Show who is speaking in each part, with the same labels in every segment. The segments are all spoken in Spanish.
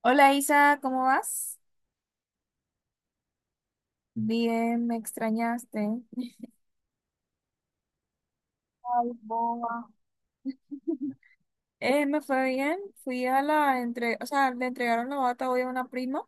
Speaker 1: Hola Isa, ¿cómo vas? Bien, me extrañaste. Ay, boba. Me fue bien, fui a la entre, o sea, le entregaron la bata hoy a una prima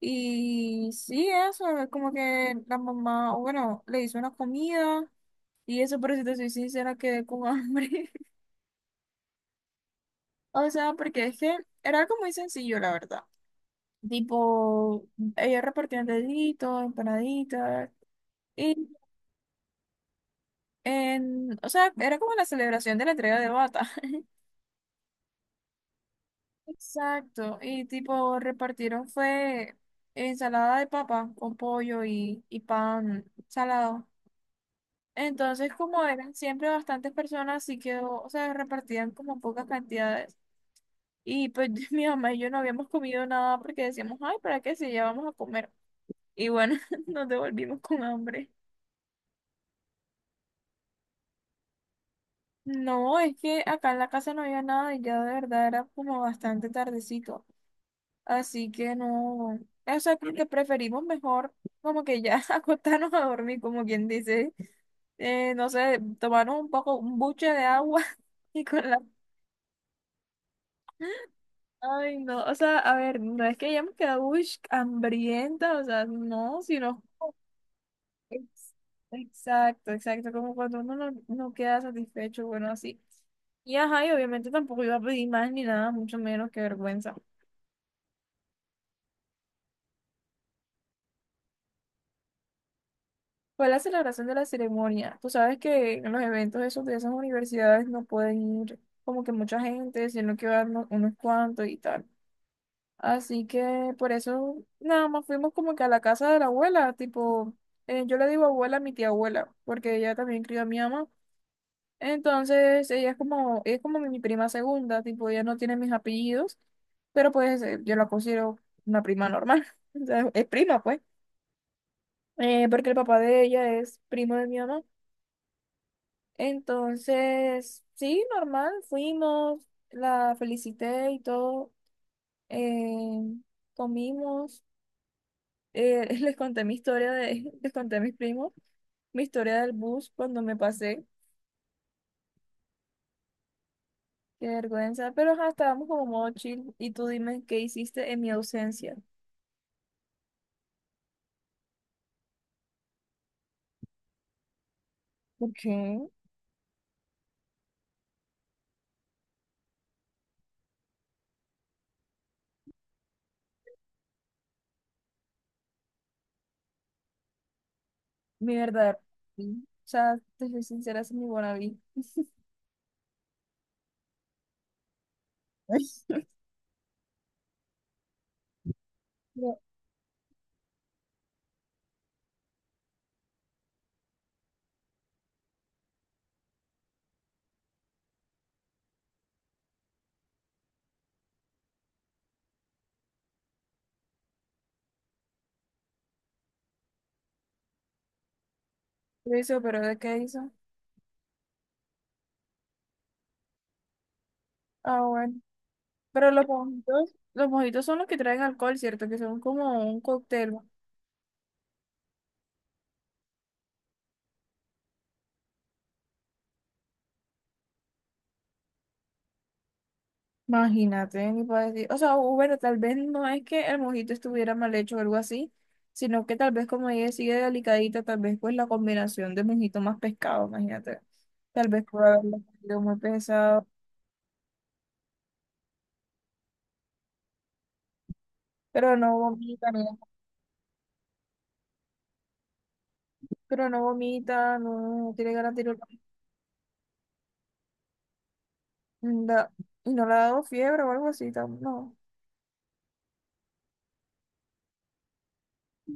Speaker 1: y sí, eso, es como que la mamá, o bueno, le hizo una comida y eso, pero si te soy sincera, quedé con hambre. O sea, porque es que era algo muy sencillo, la verdad. Tipo, ella repartía deditos, empanaditas y, en, o sea, era como la celebración de la entrega de bata. Exacto, y tipo repartieron fue ensalada de papa con pollo y pan salado. Entonces, como eran siempre bastantes personas, sí quedó, o sea, repartían como pocas cantidades. Y pues mi mamá y yo no habíamos comido nada porque decíamos, ay, ¿para qué si ya vamos a comer? Y bueno, nos devolvimos con hambre. No, es que acá en la casa no había nada y ya de verdad era como bastante tardecito. Así que no, o sea, creo que preferimos mejor como que ya acostarnos a dormir, como quien dice, no sé, tomarnos un poco, un buche de agua y con la... Ay, no, o sea, a ver, no es que hayamos quedado uish, hambrienta, o sea, no, sino... Ex- Exacto, exacto, como cuando uno no, no queda satisfecho, bueno, así. Y ajá, y obviamente tampoco iba a pedir más ni nada, mucho menos, que vergüenza. Fue la celebración de la ceremonia. Tú sabes que en los eventos esos de esas universidades no pueden ir como que mucha gente, sino que van unos cuantos y tal. Así que por eso nada más fuimos como que a la casa de la abuela, tipo, yo le digo abuela a mi tía abuela, porque ella también crió a mi mamá. Entonces ella es como mi prima segunda, tipo, ella no tiene mis apellidos, pero pues yo la considero una prima normal. O sea, es prima, pues. Porque el papá de ella es primo de mi mamá. Entonces, sí, normal, fuimos, la felicité y todo, eh, comimos, les conté mi historia de, les conté a mis primos, mi historia del bus cuando me pasé, qué vergüenza, pero ajá, estábamos como modo chill y tú dime qué hiciste en mi ausencia, porque mi verdad, sí, o sea, te soy sincera, es mi wannabe. Pero, eso, pero ¿de qué hizo? Ah, bueno. Pero los mojitos son los que traen alcohol, ¿cierto? Que son como un cóctel. Imagínate, ni para decir. O sea, o bueno, tal vez no es que el mojito estuviera mal hecho o algo así, sino que tal vez como ella sigue delicadita, tal vez pues la combinación de mojito más pescado, imagínate. Tal vez pueda haberlo comido muy pesado, pero no vomita, mira, pero no vomita, no no tiene ganas de y no le ha dado fiebre o algo así, no.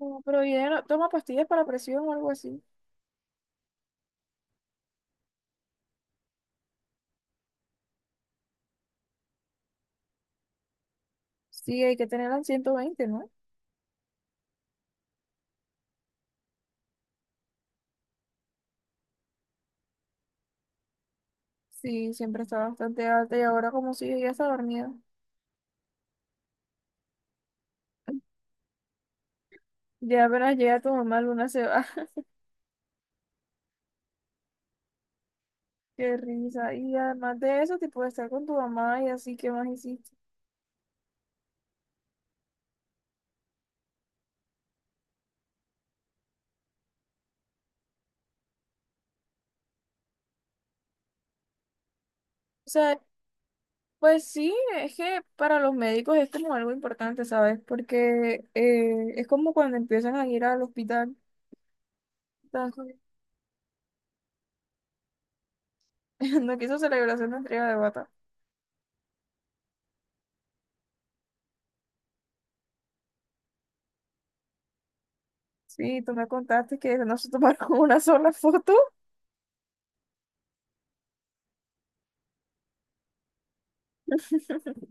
Speaker 1: No, pero ella no- toma pastillas para presión o algo así. Sí, hay que tenerla en 120, ¿no? Sí, siempre está bastante alta y ahora como si ya está dormida. Ya apenas llega tu mamá, Luna se va. Qué risa. Y además de eso, tipo de estar con tu mamá y así, ¿qué más hiciste? O sea, pues sí, es que para los médicos es como algo importante, ¿sabes? Porque es como cuando empiezan a ir al hospital. Entonces, no quiso celebración de entrega de bata. Sí, tú me contaste que no se tomaron una sola foto.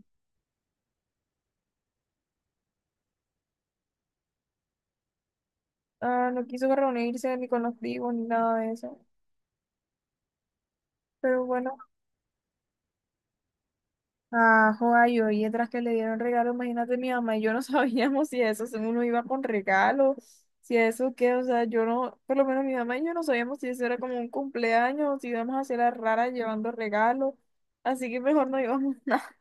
Speaker 1: Ah, no quiso reunirse ni con los primos ni nada de eso. Pero bueno. Ah, yo y otras que le dieron regalo, imagínate mi mamá y yo no sabíamos si eso, si uno iba con regalo, si eso qué, o sea, yo no, por lo menos mi mamá y yo no sabíamos si eso era como un cumpleaños o si íbamos a hacer la rara llevando regalo, así que mejor no íbamos nada.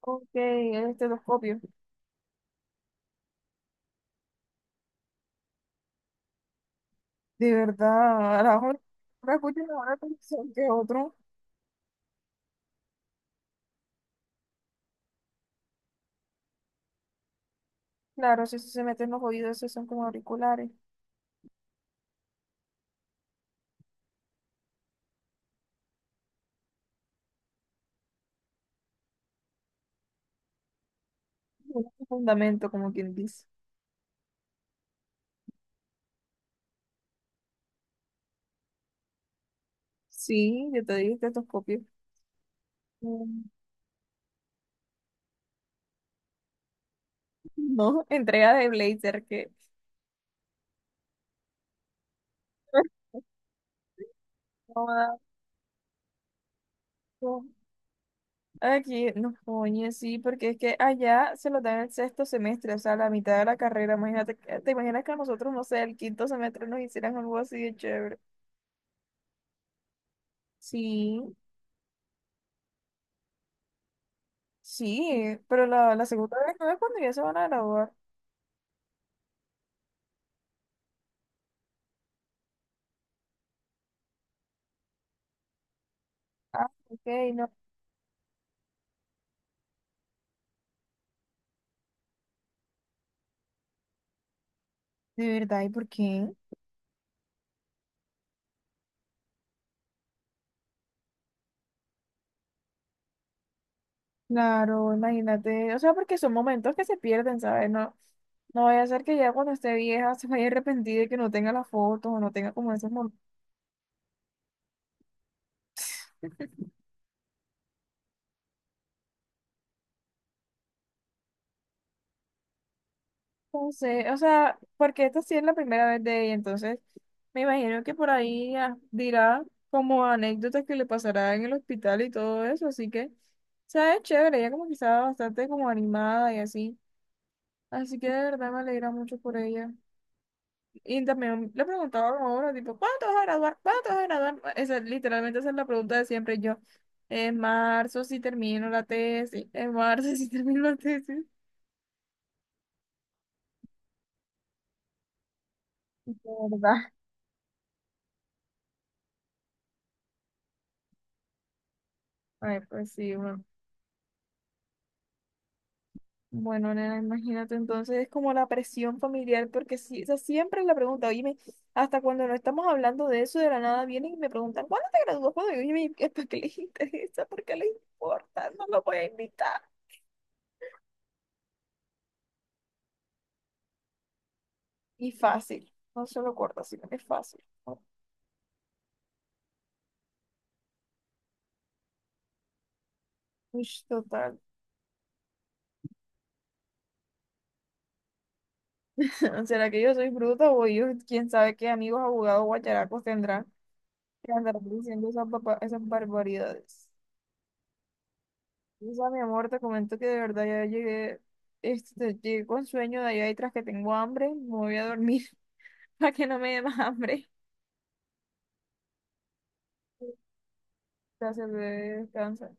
Speaker 1: Ok, el estetoscopio. De verdad, a lo mejor no escucho mejor que otro. Claro, si eso se mete en los oídos, esos son como auriculares. Un fundamento, como quien dice. Sí, yo te dije estetoscopio. Mm. No, entrega de blazer que no asco. Aquí no coño, sí, porque es que allá se lo dan el sexto semestre, o sea, la mitad de la carrera. Imagínate, que- te imaginas que a nosotros, no sé, el quinto semestre nos hicieran algo así de chévere. Sí, sí, pero la segunda vez no es cuando ya se van a graduar. Ah, ok, no. De verdad, ¿y por qué? Claro, imagínate, o sea, porque son momentos que se pierden, ¿sabes? No, no vaya a ser que ya cuando esté vieja se vaya arrepentida y que no tenga la foto o no tenga como esos momentos. No sé, o sea, porque esta sí es la primera vez de ella, entonces me imagino que por ahí ah, dirá como anécdotas que le pasará en el hospital y todo eso, así que, o sea, es chévere, ella como que estaba bastante como animada y así, así que de verdad me alegra mucho por ella. Y también le preguntaba como uno, tipo, ¿cuándo te vas a graduar? ¿Cuándo te vas a graduar? Esa, literalmente esa es la pregunta de siempre, y yo, en marzo si termino la tesis, en marzo si termino la tesis, de verdad. Ay, pues sí, bueno, nena, imagínate, entonces es como la presión familiar, porque sí, o sea, siempre la pregunta, oíme, hasta cuando no estamos hablando de eso, de la nada vienen y me preguntan, ¿cuándo te gradúas? ¿Cuándo? Y oíme, ¿qué- ¿para qué les interesa? ¿Por qué les importa? No lo voy a invitar. Y fácil, no solo corta, sino que es fácil. ¿No? Uy, total. ¿Será que yo soy bruta o ellos, quién sabe qué amigos abogados guacharacos tendrán que andar diciendo esas, esas barbaridades? Isa, mi amor, te comento que de verdad ya llegué, llegué con sueño de allá y tras que tengo hambre, me voy a dormir para que no me dé más hambre. Gracias, bebé, descansa.